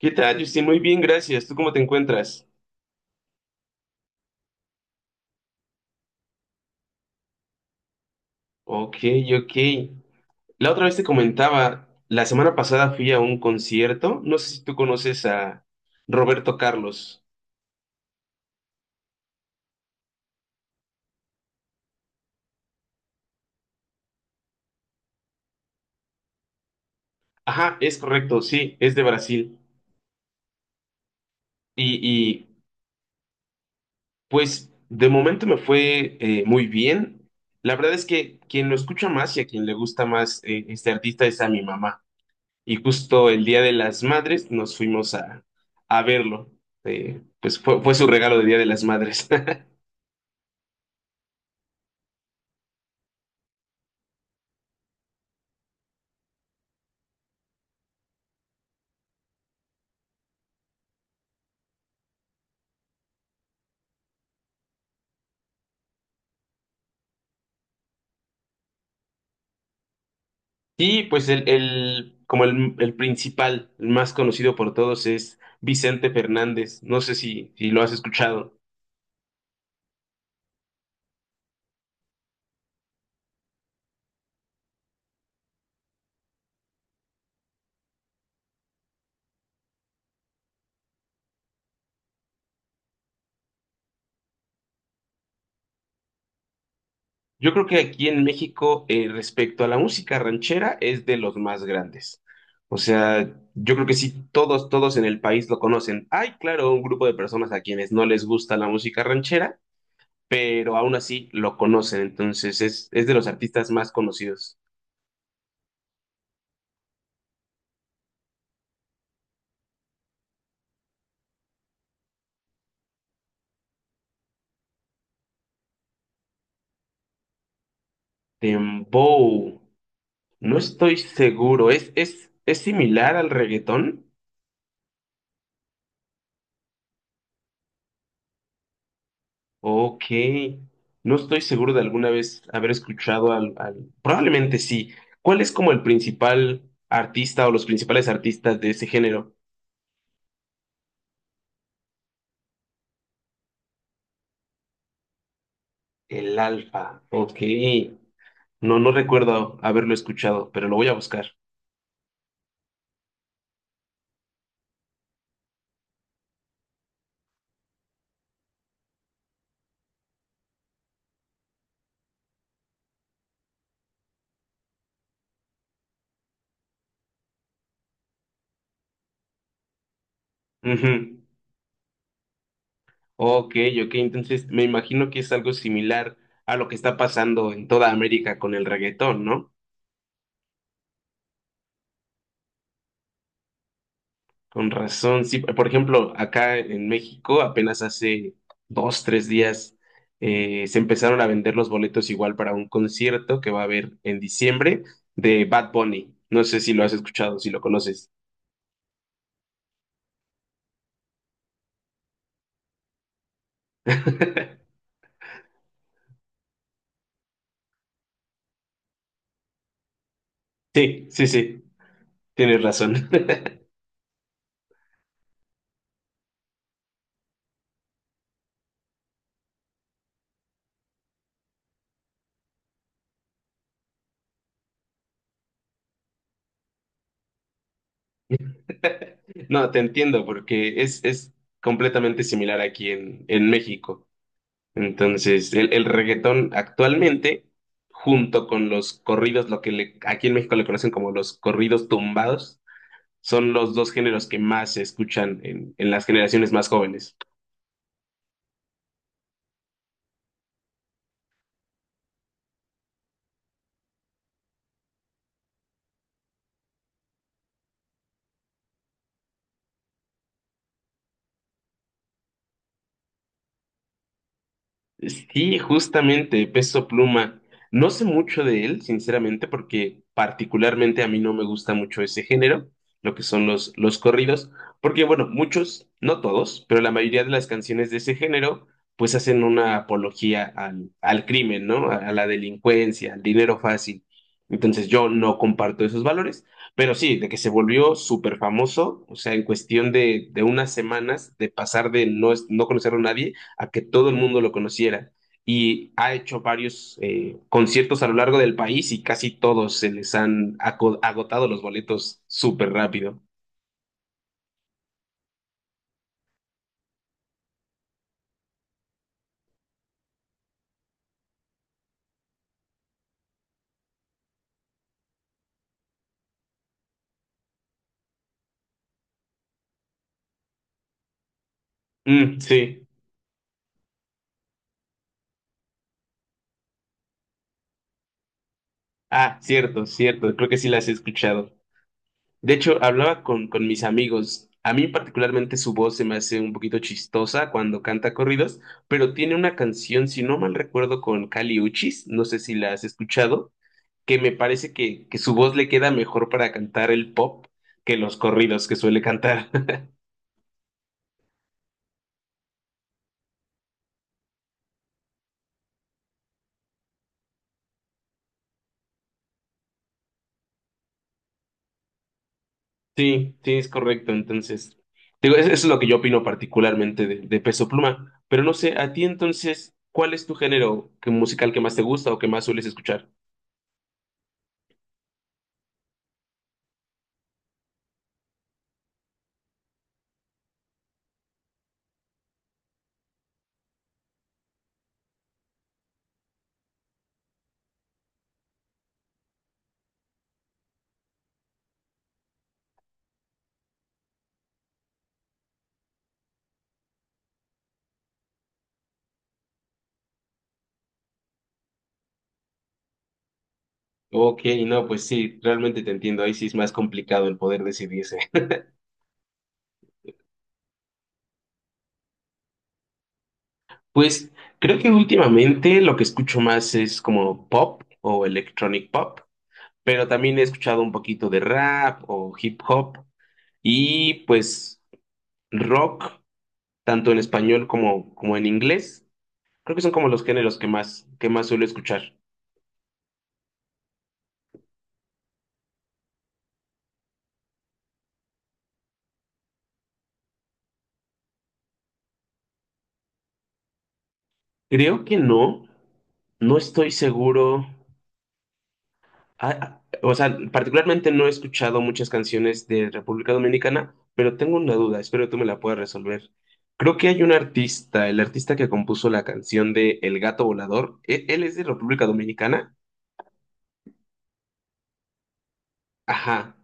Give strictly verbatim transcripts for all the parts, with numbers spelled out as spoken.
¿Qué tal, Justin? Muy bien, gracias. ¿Tú cómo te encuentras? Ok, ok. La otra vez te comentaba, la semana pasada fui a un concierto. No sé si tú conoces a Roberto Carlos. Ajá, es correcto, sí, es de Brasil. Y, y, pues de momento me fue eh, muy bien. La verdad es que quien lo escucha más y a quien le gusta más eh, este artista es a mi mamá. Y justo el Día de las Madres nos fuimos a, a verlo. Eh, pues fue, fue su regalo de Día de las Madres. Y pues el, el- como el, el principal, el más conocido por todos es Vicente Fernández. No sé si, si lo has escuchado. Yo creo que aquí en México, eh, respecto a la música ranchera, es de los más grandes. O sea, yo creo que sí, todos, todos en el país lo conocen. Hay, claro, un grupo de personas a quienes no les gusta la música ranchera, pero aún así lo conocen. Entonces es, es de los artistas más conocidos. Dembow. No estoy seguro. ¿Es, es, es similar al reggaetón? Ok. No estoy seguro de alguna vez haber escuchado al, al- Probablemente sí. ¿Cuál es como el principal artista o los principales artistas de ese género? El Alfa. Ok. No, no recuerdo haberlo escuchado, pero lo voy a buscar. Ujú. Ok, ok. Entonces me imagino que es algo similar a lo que está pasando en toda América con el reggaetón, ¿no? Con razón, sí. Por ejemplo, acá en México apenas hace dos, tres días eh, se empezaron a vender los boletos igual para un concierto que va a haber en diciembre de Bad Bunny. No sé si lo has escuchado, si lo conoces. Sí, sí, sí, tienes razón. No, te entiendo porque es, es completamente similar aquí en, en México. Entonces, el, el reggaetón actualmente, junto con los corridos, lo que le- aquí en México le conocen como los corridos tumbados, son los dos géneros que más se escuchan en, en las generaciones más jóvenes. Sí, justamente, Peso Pluma. No sé mucho de él, sinceramente, porque particularmente a mí no me gusta mucho ese género, lo que son los, los corridos, porque bueno, muchos, no todos, pero la mayoría de las canciones de ese género, pues hacen una apología al, al crimen, ¿no? A, a la delincuencia, al dinero fácil. Entonces yo no comparto esos valores, pero sí, de que se volvió súper famoso, o sea, en cuestión de, de unas semanas, de pasar de no, es- no conocer a nadie a que todo el mundo lo conociera. Y ha hecho varios eh, conciertos a lo largo del país y casi todos se les han aco- agotado los boletos súper rápido. Mm, sí. Ah, cierto, cierto. Creo que sí las he escuchado. De hecho, hablaba con, con mis amigos. A mí particularmente su voz se me hace un poquito chistosa cuando canta corridos, pero tiene una canción, si no mal recuerdo, con Kali Uchis. No sé si la has escuchado que me parece que, que su voz le queda mejor para cantar el pop que los corridos que suele cantar. Sí, sí, es correcto. Entonces, digo, eso es lo que yo opino particularmente de, de Peso Pluma. Pero no sé, a ti entonces, ¿cuál es tu género que- musical que más te gusta o que más sueles escuchar? Ok, no, pues sí, realmente te entiendo. Ahí sí es más complicado el poder decidirse. Pues creo que últimamente lo que escucho más es como pop o electronic pop, pero también he escuchado un poquito de rap o hip hop. Y pues rock, tanto en español como, como en inglés, creo que son como los géneros que más, que más suelo escuchar. Creo que no, no estoy seguro. Ah, ah, o sea, particularmente no he escuchado muchas canciones de República Dominicana, pero tengo una duda, espero tú me la puedas resolver. Creo que hay un artista, el artista que compuso la canción de El Gato Volador, ¿e- él es de República Dominicana? Ajá,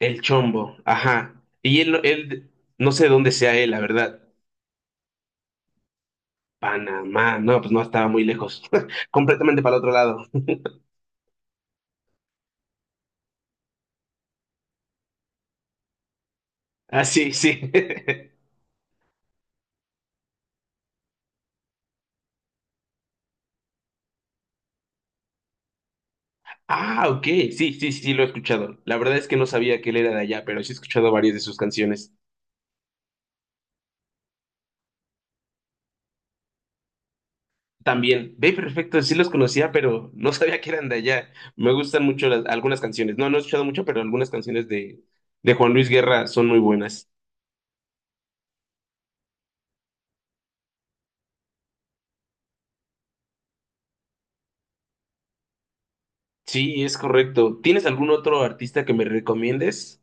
El Chombo, ajá. Y él, él, no sé dónde sea él, la verdad. Panamá, no, pues no estaba muy lejos, completamente para el otro lado. Ah, sí, sí. Ah, ok, sí, sí, sí, sí, lo he escuchado. La verdad es que no sabía que él era de allá, pero sí he escuchado varias de sus canciones. También, ve, perfecto, sí los conocía, pero no sabía que eran de allá. Me gustan mucho las- algunas canciones. No, no he escuchado mucho, pero algunas canciones de, de Juan Luis Guerra son muy buenas. Sí, es correcto. ¿Tienes algún otro artista que me recomiendes?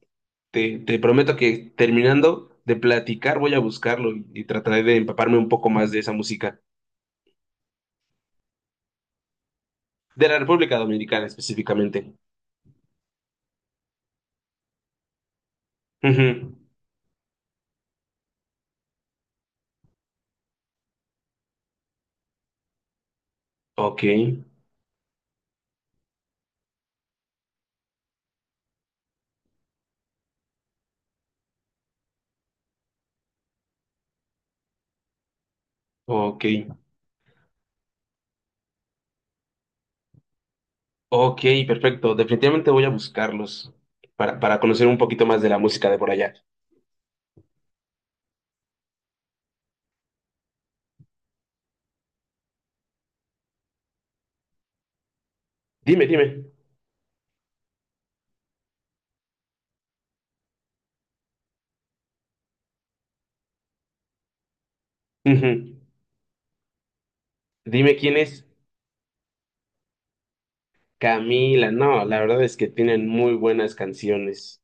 Te, te prometo que terminando de platicar voy a buscarlo y, y trataré de empaparme un poco más de esa música, de la República Dominicana específicamente. Ujú. Ok, ok, ok, perfecto. Definitivamente voy a buscarlos para, para conocer un poquito más de la música de por allá. Dime, dime. Ujú. Dime quién es Camila. No, la verdad es que tienen muy buenas canciones.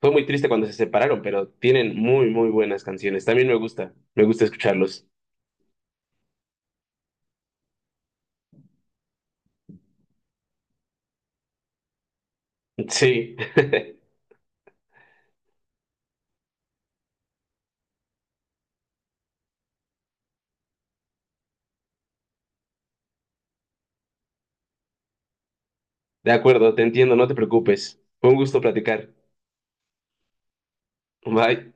Fue muy triste cuando se separaron, pero tienen muy, muy buenas canciones. También me gusta, me gusta escucharlos. Sí. De acuerdo, te entiendo, no te preocupes. Fue un gusto platicar. Bye.